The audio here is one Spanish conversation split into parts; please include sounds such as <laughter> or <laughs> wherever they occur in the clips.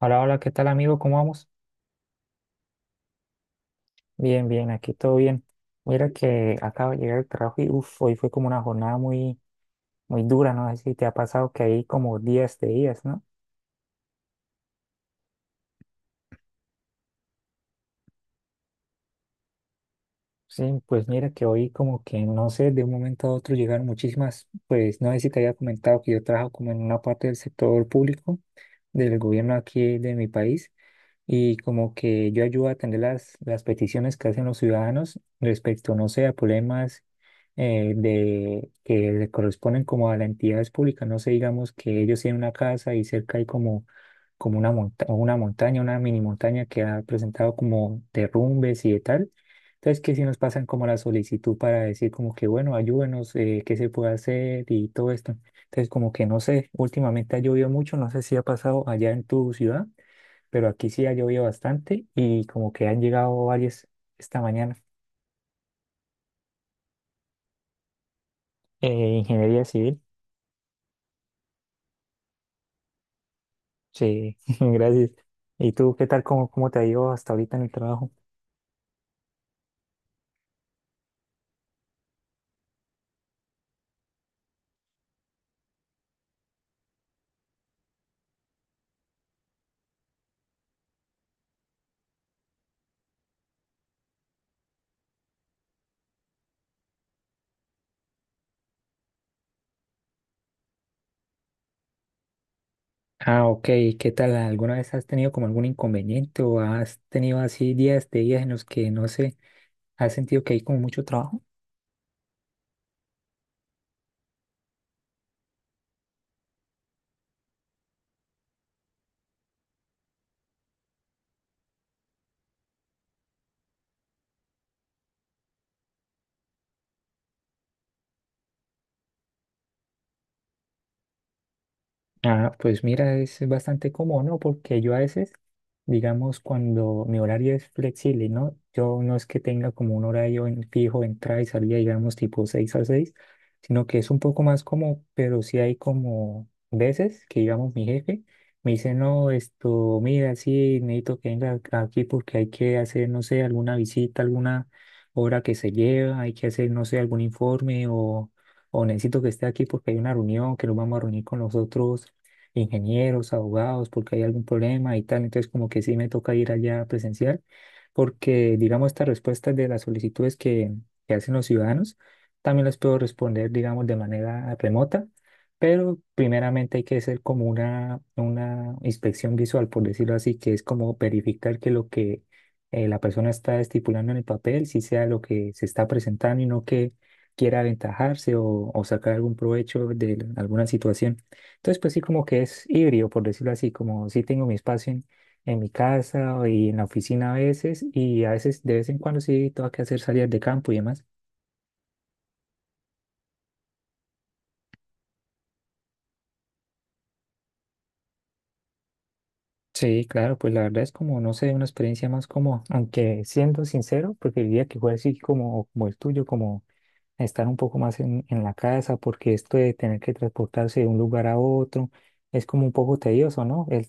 Hola, hola, ¿qué tal, amigo? ¿Cómo vamos? Bien, bien, aquí todo bien. Mira que acabo de llegar al trabajo y uff, hoy fue como una jornada muy, muy dura, no sé si te ha pasado que hay como días de días, ¿no? Sí, pues mira que hoy como que no sé, de un momento a otro llegaron muchísimas, pues no sé si te había comentado que yo trabajo como en una parte del sector público del gobierno aquí de mi país y como que yo ayudo a atender las peticiones que hacen los ciudadanos respecto, no sé, a problemas que le corresponden como a las entidades públicas, no sé, digamos que ellos tienen una casa y cerca hay como una montaña, una mini montaña que ha presentado como derrumbes y de tal. Entonces, que si nos pasan como la solicitud para decir como que, bueno, ayúdenos, qué se puede hacer y todo esto. Entonces, como que no sé, últimamente ha llovido mucho, no sé si ha pasado allá en tu ciudad, pero aquí sí ha llovido bastante y como que han llegado varias esta mañana. Eh, ingeniería civil, sí, <laughs> gracias. ¿Y tú qué tal? ¿Cómo te ha ido hasta ahorita en el trabajo? Ah, ok. ¿Qué tal? ¿Alguna vez has tenido como algún inconveniente o has tenido así días de días en los que no sé, has sentido que hay como mucho trabajo? Ah, pues mira, es bastante cómodo, ¿no? Porque yo a veces, digamos, cuando mi horario es flexible, ¿no? Yo no es que tenga como un horario en fijo, entrada y salida, digamos, tipo 6 a 6, sino que es un poco más cómodo, pero sí hay como veces que, digamos, mi jefe me dice, no, esto, mira, sí, necesito que venga aquí porque hay que hacer, no sé, alguna visita, alguna obra que se lleva, hay que hacer, no sé, algún informe o necesito que esté aquí porque hay una reunión que nos vamos a reunir con los otros ingenieros, abogados, porque hay algún problema y tal. Entonces, como que sí me toca ir allá a presenciar, porque, digamos, estas respuestas de las solicitudes que hacen los ciudadanos, también las puedo responder, digamos, de manera remota, pero primeramente hay que hacer como una inspección visual, por decirlo así, que es como verificar que lo que la persona está estipulando en el papel, si sea lo que se está presentando y no que quiera aventajarse o sacar algún provecho de alguna situación. Entonces, pues sí, como que es híbrido, por decirlo así, como sí tengo mi espacio en mi casa y en la oficina a veces, y a veces de vez en cuando sí tengo que hacer salidas de campo y demás. Sí, claro, pues la verdad es como, no sé, una experiencia más como, aunque siendo sincero, preferiría que fuera así como el tuyo, como estar un poco más en la casa, porque esto de tener que transportarse de un lugar a otro es como un poco tedioso, ¿no? El,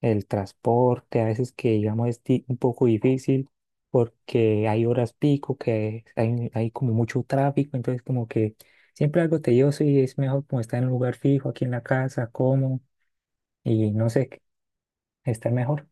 el transporte a veces que digamos es un poco difícil porque hay horas pico, que hay como mucho tráfico, entonces como que siempre algo tedioso y es mejor como estar en un lugar fijo aquí en la casa, cómodo y no sé, estar mejor.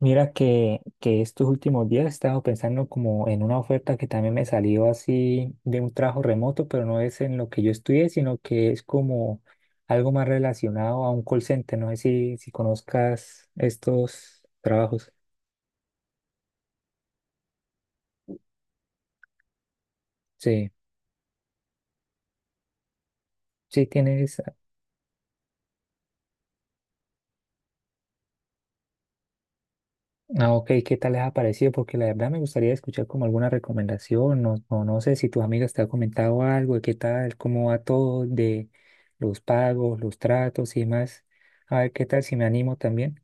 Mira que estos últimos días he estado pensando como en una oferta que también me salió así de un trabajo remoto, pero no es en lo que yo estudié, sino que es como algo más relacionado a un call center. No sé si conozcas estos trabajos. Sí, sí tienes. Ah, ok, ¿qué tal les ha parecido? Porque la verdad me gustaría escuchar como alguna recomendación, o no sé si tus amigas te han comentado algo, de qué tal, cómo va todo de los pagos, los tratos y demás. A ver qué tal si me animo también.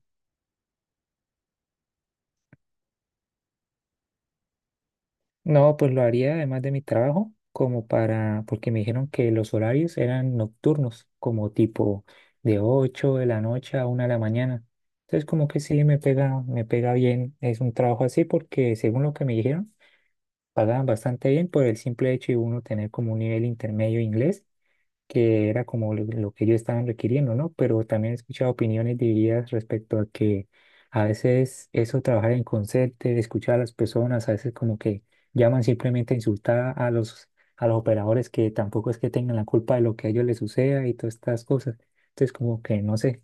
No, pues lo haría además de mi trabajo, como para, porque me dijeron que los horarios eran nocturnos, como tipo de 8 de la noche a 1 de la mañana. Entonces, como que sí, me pega bien. Es un trabajo así porque, según lo que me dijeron, pagaban bastante bien por el simple hecho de uno tener como un nivel intermedio de inglés que era como lo que ellos estaban requiriendo, ¿no? Pero también he escuchado opiniones divididas respecto a que a veces eso, trabajar en concierto, escuchar a las personas, a veces como que llaman simplemente a insultar a los operadores que tampoco es que tengan la culpa de lo que a ellos les suceda y todas estas cosas. Entonces como que no sé.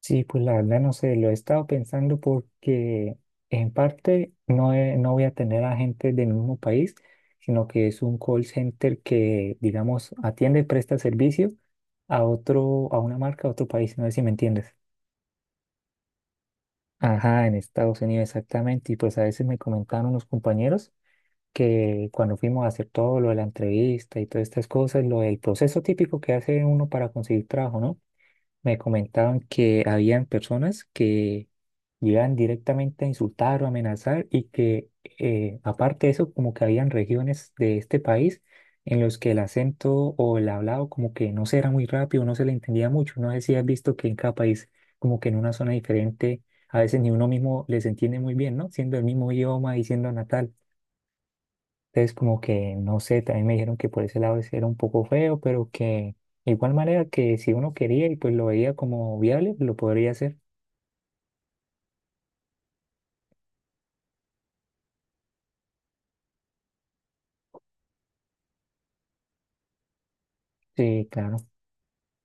Sí, pues la verdad no sé, lo he estado pensando porque en parte no, no voy a tener a gente del mismo país, sino que es un call center que, digamos, atiende y presta servicio a otro, a una marca, a otro país, no sé si me entiendes. Ajá, en Estados Unidos exactamente. Y pues a veces me comentaron unos compañeros que cuando fuimos a hacer todo lo de la entrevista y todas estas cosas, lo del proceso típico que hace uno para conseguir trabajo, ¿no? Me comentaban que habían personas que llegan directamente a insultar o amenazar y que aparte de eso, como que habían regiones de este país en los que el acento o el hablado como que no se era muy rápido, no se le entendía mucho. No sé si has visto que en cada país, como que en una zona diferente, a veces ni uno mismo les entiende muy bien, ¿no? Siendo el mismo idioma y siendo natal. Entonces, como que, no sé, también me dijeron que por ese lado ese era un poco feo, pero que de igual manera que si uno quería y pues lo veía como viable, lo podría hacer. Sí, claro.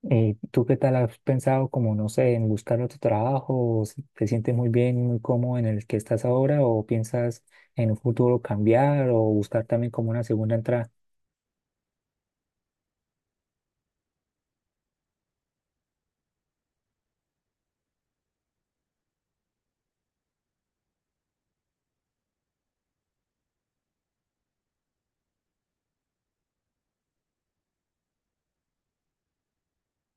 ¿Y tú qué tal has pensado como, no sé, en buscar otro trabajo? ¿O si ¿Te sientes muy bien y muy cómodo en el que estás ahora, o piensas en un futuro cambiar o buscar también como una segunda entrada?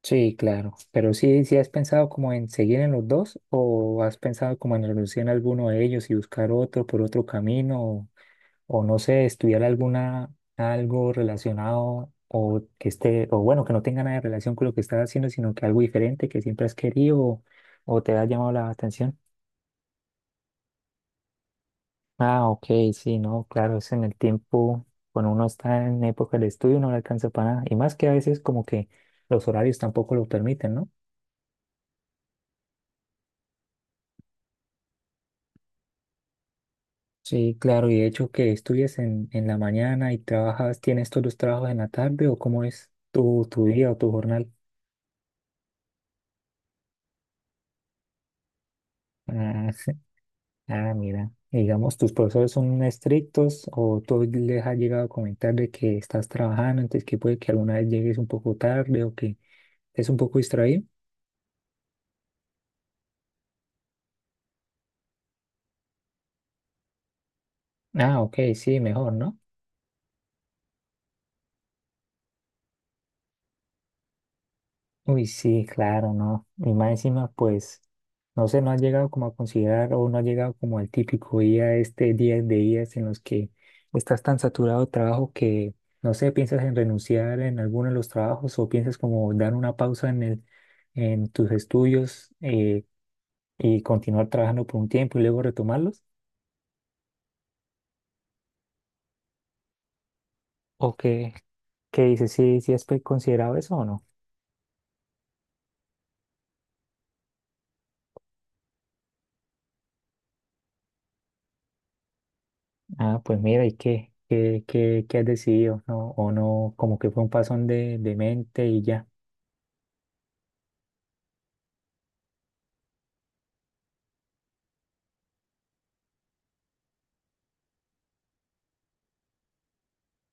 Sí, claro. Pero sí, sí has pensado como en seguir en los dos, o has pensado como en renunciar a alguno de ellos y buscar otro por otro camino, o no sé, estudiar algo relacionado, o que esté, o bueno, que no tenga nada de relación con lo que estás haciendo, sino que algo diferente que siempre has querido o te ha llamado la atención. Ah, ok, sí, no, claro, es en el tiempo, cuando uno está en época de estudio no le alcanza para nada, y más que a veces como que los horarios tampoco lo permiten, ¿no? Sí, claro, y de hecho que estudias en la mañana y trabajas, ¿tienes todos los trabajos en la tarde o cómo es tu día o tu jornal? Ah, <laughs> ah, mira, y digamos, ¿tus profesores son estrictos o tú les has llegado a comentar de que estás trabajando, entonces que puede que alguna vez llegues un poco tarde o que estés un poco distraído? Ah, ok, sí, mejor, ¿no? Uy, sí, claro, ¿no? Y más encima, pues, no sé, no has llegado como a considerar o no has llegado como al típico día, este día de días en los que estás tan saturado de trabajo que, no sé, piensas en renunciar en alguno de los trabajos o piensas como dar una pausa en tus estudios, y continuar trabajando por un tiempo y luego retomarlos. ¿O Qué dices? ¿Sí, sí has considerado eso o no? Ah, pues mira, ¿y qué? ¿Qué has decidido? ¿No? ¿O no? Como que fue un pasón de mente y ya.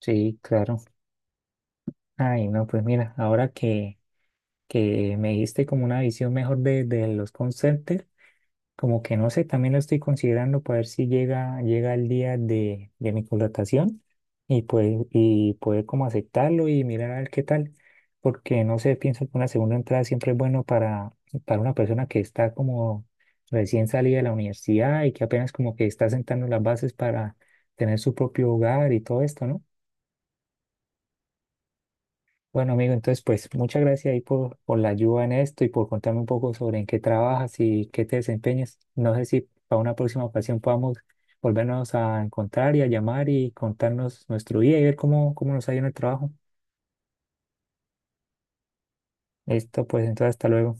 Sí, claro. Ay, no, pues mira, ahora que me diste como una visión mejor de los conceptos. Como que no sé, también lo estoy considerando para ver si llega el día de mi contratación, y pues poder como aceptarlo y mirar a ver qué tal, porque no sé, pienso que una segunda entrada siempre es bueno para una persona que está como recién salida de la universidad y que apenas como que está sentando las bases para tener su propio hogar y todo esto, ¿no? Bueno, amigo, entonces, pues muchas gracias ahí por la ayuda en esto y por contarme un poco sobre en qué trabajas y qué te desempeñas. No sé si para una próxima ocasión podamos volvernos a encontrar y a llamar y contarnos nuestro día y ver cómo nos ha ido en el trabajo. Listo, pues entonces, hasta luego.